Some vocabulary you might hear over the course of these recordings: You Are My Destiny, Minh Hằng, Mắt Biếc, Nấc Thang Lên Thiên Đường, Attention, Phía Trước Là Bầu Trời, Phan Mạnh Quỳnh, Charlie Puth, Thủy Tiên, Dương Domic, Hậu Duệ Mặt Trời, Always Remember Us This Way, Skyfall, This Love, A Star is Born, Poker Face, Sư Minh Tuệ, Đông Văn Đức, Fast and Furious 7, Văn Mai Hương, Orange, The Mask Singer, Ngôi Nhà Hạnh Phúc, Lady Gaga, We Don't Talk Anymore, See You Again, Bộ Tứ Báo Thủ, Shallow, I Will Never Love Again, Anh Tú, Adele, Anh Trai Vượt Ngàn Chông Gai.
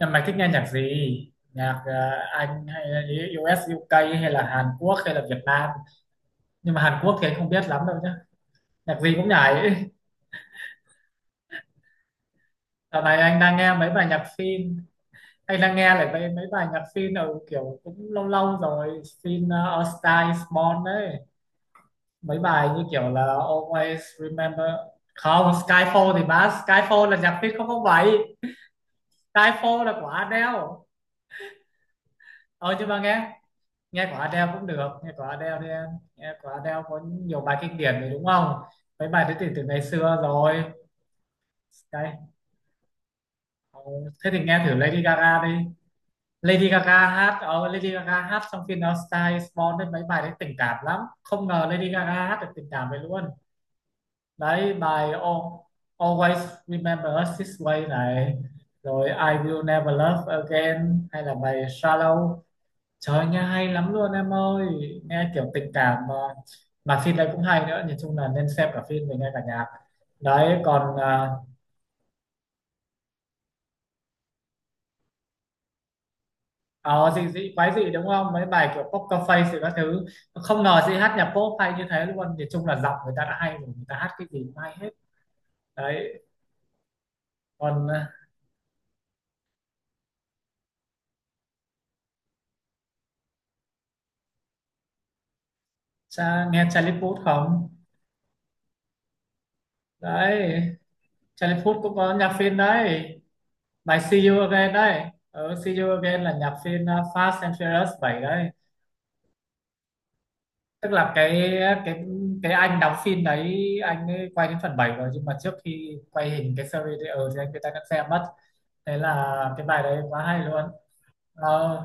Nhưng mày thích nghe nhạc gì? Nhạc Anh hay là US, UK hay là Hàn Quốc hay là Việt Nam? Nhưng mà Hàn Quốc thì anh không biết lắm đâu nhá. Nhạc gì cũng nhảy. Dạo này anh đang nghe mấy bài nhạc phim. Anh đang nghe lại mấy bài nhạc phim ở kiểu cũng lâu lâu rồi. Phim A Star is Born đấy. Mấy bài như kiểu là Always Remember. Không, Skyfall thì bá. Skyfall là nhạc phim 007. Skyfall là của Adele. Ờ nhưng mà nghe của Adele cũng được, nghe của Adele đi em. Nghe của Adele có nhiều bài kinh điển rồi đúng không? Mấy bài đấy từ từ ngày xưa rồi. Đây. Ờ, Thế thì nghe thử Lady Gaga đi. Lady Gaga hát trong phim đó Style is Born đấy, mấy bài đấy tình cảm lắm, không ngờ Lady Gaga hát được tình cảm vậy luôn. Đấy bài Always Remember Us This Way này, rồi I Will Never Love Again hay là bài Shallow. Trời nghe hay lắm luôn em ơi. Nghe kiểu tình cảm mà. Mà phim đấy cũng hay nữa. Nhìn chung là nên xem cả phim mình nghe cả nhạc. Đấy. Ờ dị dị quái dị đúng không? Mấy bài kiểu Poker Face rồi các thứ. Không ngờ chị hát nhạc pop hay như thế luôn. Nhìn chung là giọng người ta đã hay rồi. Người ta hát cái gì cũng hay hết. Đấy. còn à, Nghe Charlie Puth không? Đấy Charlie Puth cũng có nhạc phim đấy. Bài See You Again đấy. Ừ, See You Again là nhạc phim à, Fast and Furious 7 đấy. Tức là cái cái anh đóng phim đấy, anh ấy quay đến phần 7 rồi nhưng mà trước khi quay hình cái series đấy thì người ta đã xem mất. Thế là cái bài đấy quá hay luôn. Ờ.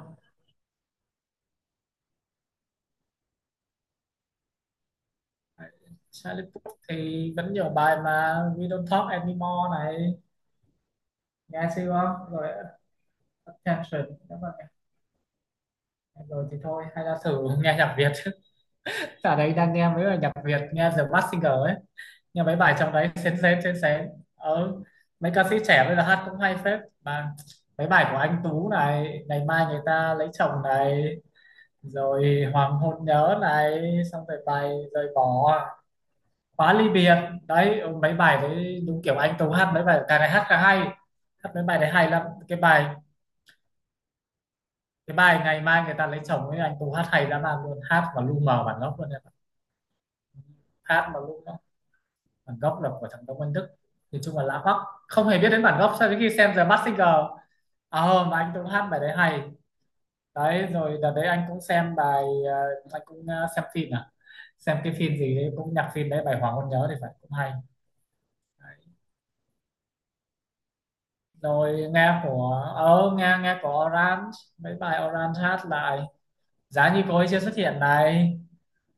Charlie Puth thì vẫn nhiều bài mà, We Don't Talk Anymore này, nghe chưa, rồi Attention nếu mà rồi thì thôi hay là thử nghe nhạc Việt. Ở đấy đang nghe mấy bài nhạc Việt nghe The Mask Singer ấy, nhưng mấy bài trong đấy xén xén xén xén. ờ, Mấy ca sĩ trẻ bây giờ hát cũng hay phết mà, mấy bài của anh Tú này, ngày mai người ta lấy chồng này, rồi hoàng hôn nhớ này, xong rồi bài rời bỏ, khóa ly biệt. Đấy, ừ, mấy bài đấy đúng kiểu anh Tú hát, mấy bài càng ngày hát càng hay, hát mấy bài đấy hay lắm. Cái bài cái bài ngày mai người ta lấy chồng ấy anh Tú hát hay lắm mà luôn, hát mà lu mờ bản gốc luôn em ạ. Hát mà lu mờ bản gốc là của thằng Đông Văn Đức. Thì chung là lạ hoắc, không hề biết đến bản gốc sau đến khi xem The Masked Singer. Mà anh cũng hát bài đấy hay. Đấy rồi đợt đấy anh cũng xem bài, ờ, anh cũng xem phim à, xem cái phim gì đấy cũng nhạc phim đấy bài Hoàng Hôn Nhớ thì phải cũng hay. Đấy. Rồi nghe của Orange, mấy bài Orange hát lại, giá như cô ấy chưa xuất hiện này,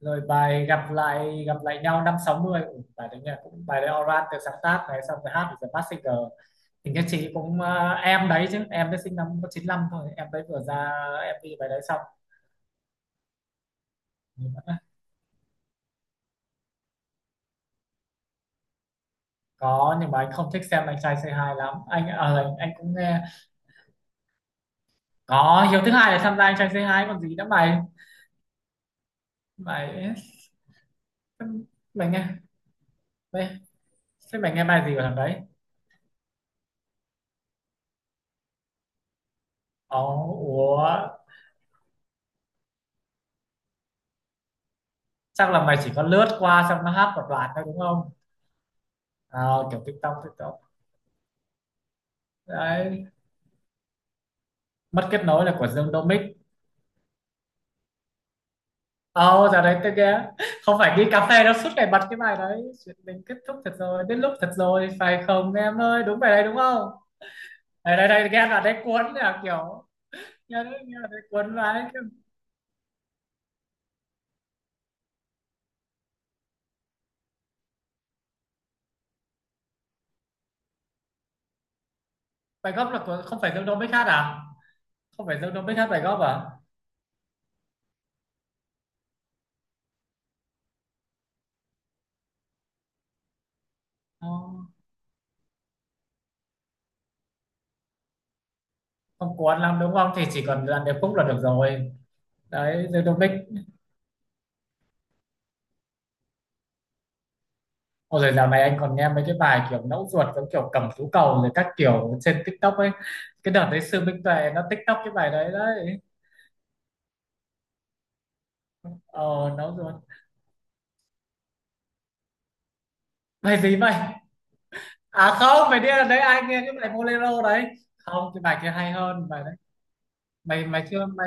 rồi bài gặp lại nhau năm 60. Bài đấy nha, cũng bài đấy Oran được sáng tác này xong rồi hát The Mask Singer. Thì các chị cũng em đấy chứ em đấy sinh năm có 95 thôi, em đấy vừa ra em MV bài đấy xong. Nhưng mà- có nhưng mà anh không thích xem anh trai c hai lắm, anh cũng nghe. Có Hiếu thứ hai là tham gia anh trai c hai còn gì nữa mày. Mày mày nghe, mày, thế mày nghe bài gì của thằng đấy? Ồ, ủa. Chắc là mày chỉ có lướt qua xong nó hát một đoạn thôi đúng không? à, Kiểu tiktok tiktok. Đấy mất kết nối là của Dương Domic. Ồ, giờ đấy tôi ghé. Không phải đi cà phê đâu, suốt ngày bật cái bài đấy. Chuyện mình kết thúc thật rồi, đến lúc thật rồi. Phải không em ơi, đúng bài đấy đúng không? Đây đây đây, nghe là đấy cuốn là kiểu. Nghe đấy, nghe đoạn đấy cuốn mà đấy. Cái bài gốc là của, không phải Dương Domic hát à? Không phải Dương Domic hát bài gốc à? Ồ. Không cuốn lắm đúng không? Thì chỉ cần làm điệp khúc là được rồi. Đấy, Dương Domic. Ồ, rồi dạo này anh còn nghe mấy cái bài kiểu nẫu ruột giống kiểu cầm tú cầu rồi các kiểu trên TikTok ấy. Cái đợt đấy Sư Minh Tuệ nó TikTok cái bài đấy đấy. Ờ, nẫu ruột. Bài gì vậy? À không, bài đi đấy ai nghe cái bài Bolero đấy. Không, cái bài kia hay hơn bài đấy. Mày mày chưa mày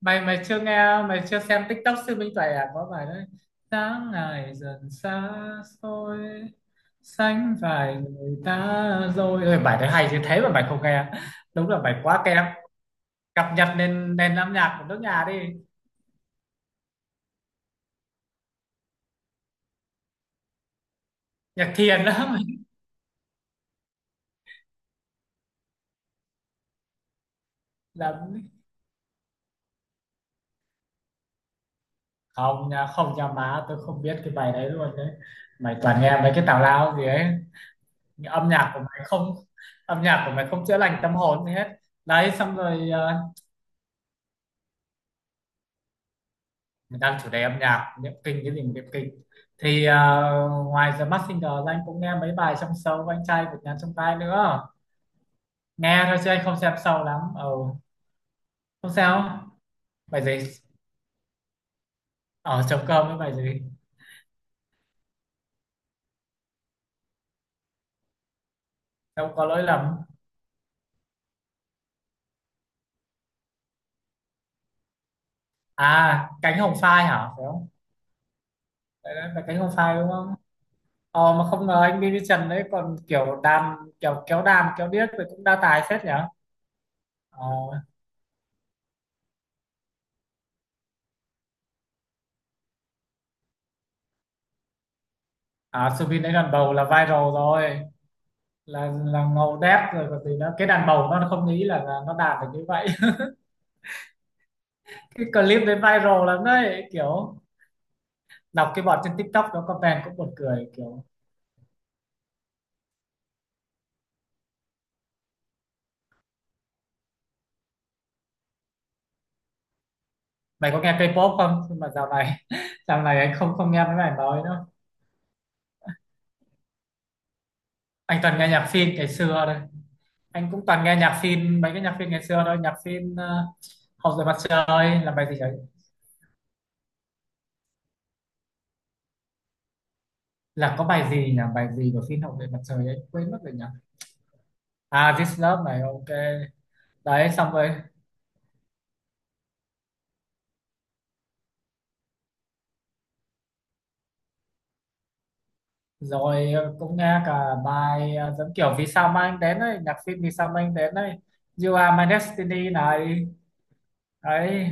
mày mày chưa nghe, mày chưa xem TikTok Sư Minh Tuệ à có bài đấy. Sáng ngày dần xa xôi, sánh vai người ta rồi. Ôi, bài đấy hay chứ thế mà mày không nghe, đúng là bài quá kém. Cập nhật nền nền âm nhạc của nước nhà đi, nhạc thiền đó mình. lắm. Không nha, không nha má, tôi không biết cái bài đấy luôn đấy. Mày toàn nghe mấy cái tào lao gì ấy. Âm nhạc của mày không Âm nhạc của mày không chữa lành tâm hồn gì hết. Đấy xong rồi. Ờ, mình đang chủ đề âm nhạc, niệm kinh cái gì mà niệm kinh. Thì ngoài The Masked Singer ra anh cũng nghe mấy bài trong show của anh trai vượt ngàn chông gai nữa. Nghe thôi chứ anh không xem show lắm. Ừ, không sao. Bài gì? Ở trống cơm với bài gì? Đâu có lỗi lầm. À, cánh hồng phai hả phải không? Đấy, đấy, là cánh hồng phai đúng không? Mà không ngờ anh Billy Trần đấy còn kiểu đàn kiểu kéo đàn kéo điếc thì cũng đa tài phết nhỉ. ờ À Subin đấy đàn bầu là viral rồi, là ngầu đét rồi còn gì nữa, cái đàn bầu nó không nghĩ là nó đạt được như vậy. Cái clip đấy viral lắm đấy kiểu, đọc cái bọn trên TikTok nó comment cũng buồn cười kiểu. Mày có nghe K-pop không, nhưng mà dạo này dạo này anh không không nghe mấy bài mới nữa. Anh toàn nghe nhạc phim ngày xưa đây. Anh cũng toàn nghe nhạc phim, mấy cái nhạc phim ngày xưa thôi, nhạc phim Hậu duệ mặt trời là bài gì đấy? Là có bài gì nhỉ, bài gì của phim Hậu duệ mặt trời ấy quên mất rồi nhỉ. À This Love này, OK. Đấy xong rồi rồi, cũng nghe cả bài giống kiểu vì sao mà anh đến ấy, nhạc phim vì sao mà anh đến ấy. You Are My Destiny này. Đấy.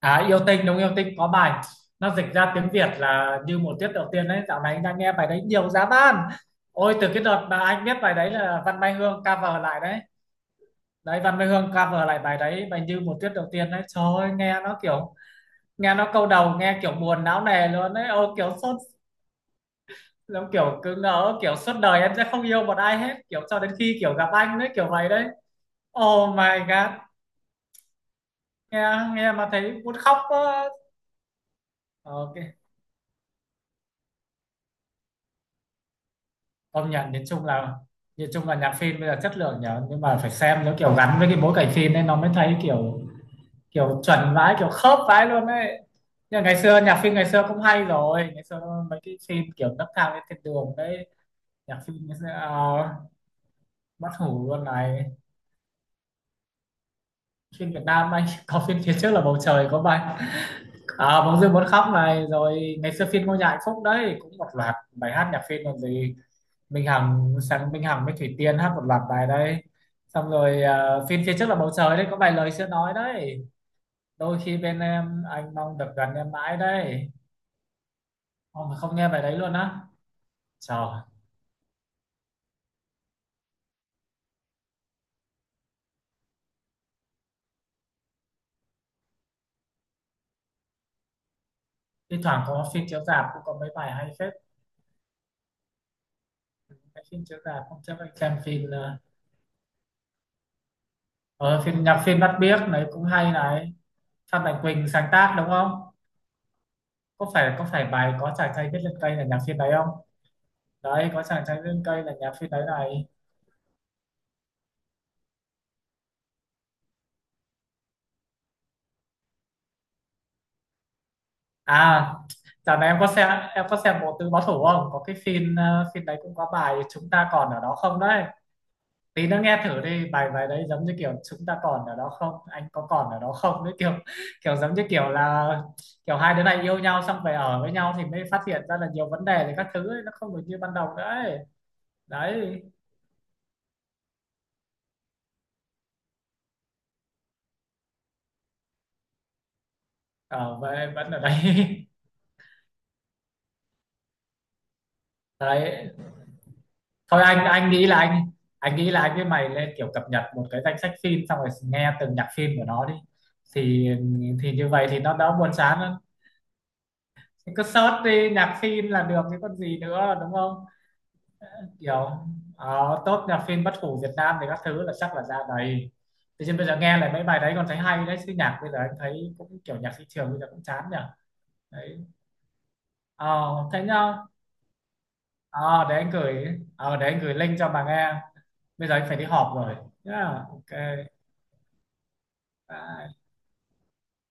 À, yêu tinh đúng yêu tinh có bài, nó dịch ra tiếng Việt là như một tiết đầu tiên đấy, dạo này anh đang nghe bài đấy nhiều giá ban. Ôi từ cái đợt mà anh biết bài đấy là Văn Mai Hương cover lại đấy. Đấy Văn Mai Hương cover lại bài đấy, bài như một tiết đầu tiên đấy, trời ơi nghe nó kiểu, nghe nó câu đầu nghe kiểu buồn não nề luôn đấy. Ôi kiểu sốt, giống kiểu cứ ngỡ kiểu suốt đời em sẽ không yêu một ai hết kiểu cho đến khi kiểu gặp anh đấy kiểu vậy đấy. Oh my god. Nghe nghe mà thấy muốn khóc quá. OK, công nhận nhìn chung là nhạc phim bây giờ chất lượng nhở, nhưng mà phải xem nó kiểu gắn với cái bối cảnh phim nên nó mới thấy kiểu, kiểu chuẩn vãi kiểu khớp vãi luôn đấy. Nhưng ngày xưa nhạc phim ngày xưa cũng hay rồi, ngày xưa mấy cái phim kiểu nấc thang lên thiên đường đấy, nhạc phim bất hủ luôn này. Phim Việt Nam anh có phim phía trước là bầu trời có bài. À, bóng dương muốn khóc này, rồi ngày xưa phim ngôi nhà hạnh phúc đấy cũng một loạt bài hát nhạc phim còn gì. Minh Hằng với Thủy Tiên hát một loạt bài đấy. Xong rồi phim phía trước là bầu trời đấy có vài lời chưa nói đấy, đôi khi bên em anh mong được gần em mãi đấy. Ô, mà không nghe bài đấy luôn á? Trời. Thi thoảng có phim chiếu rạp cũng có mấy bài hay phết. Mấy phim chiếu rạp không chấp, anh xem phim. Ờ, Ờ, phim nhạc phim Mắt Biếc này cũng hay này. Phan Mạnh Quỳnh sáng tác đúng không? Có phải bài có chàng trai viết lên cây là nhạc phim đấy không? Đấy, có chàng trai viết lên cây là nhạc phim đấy này. À, dạo này em có xem Bộ Tứ Báo Thủ không? Có cái phim phim đấy cũng có bài chúng ta còn ở đó không đấy? Tí nữa nghe thử đi, bài bài đấy giống như kiểu chúng ta còn ở đó không? Anh có còn ở đó không? Đấy kiểu kiểu giống như kiểu là kiểu hai đứa này yêu nhau xong về ở với nhau thì mới phát hiện ra là nhiều vấn đề thì các thứ ấy, nó không được như ban đầu nữa ấy. Đấy, ở về vẫn ở đấy. Đấy thôi anh nghĩ là anh nghĩ là anh với mày lên kiểu cập nhật một cái danh sách phim xong rồi nghe từng nhạc phim của nó đi, thì thì như vậy thì nó đỡ buồn chán hơn. Thì cứ search đi nhạc phim là được chứ còn gì nữa đúng không? Kiểu top nhạc phim bất hủ Việt Nam thì các thứ là chắc là ra đầy. Thế chứ bây giờ nghe lại mấy bài đấy còn thấy hay đấy chứ nhạc bây giờ anh thấy cũng kiểu nhạc thị trường bây giờ cũng chán nhỉ. Đấy ờ thế nhá. Ờ, để anh gửi, để anh gửi link cho bà nghe, bây giờ anh phải đi họp rồi. Yeah, OK. Bye.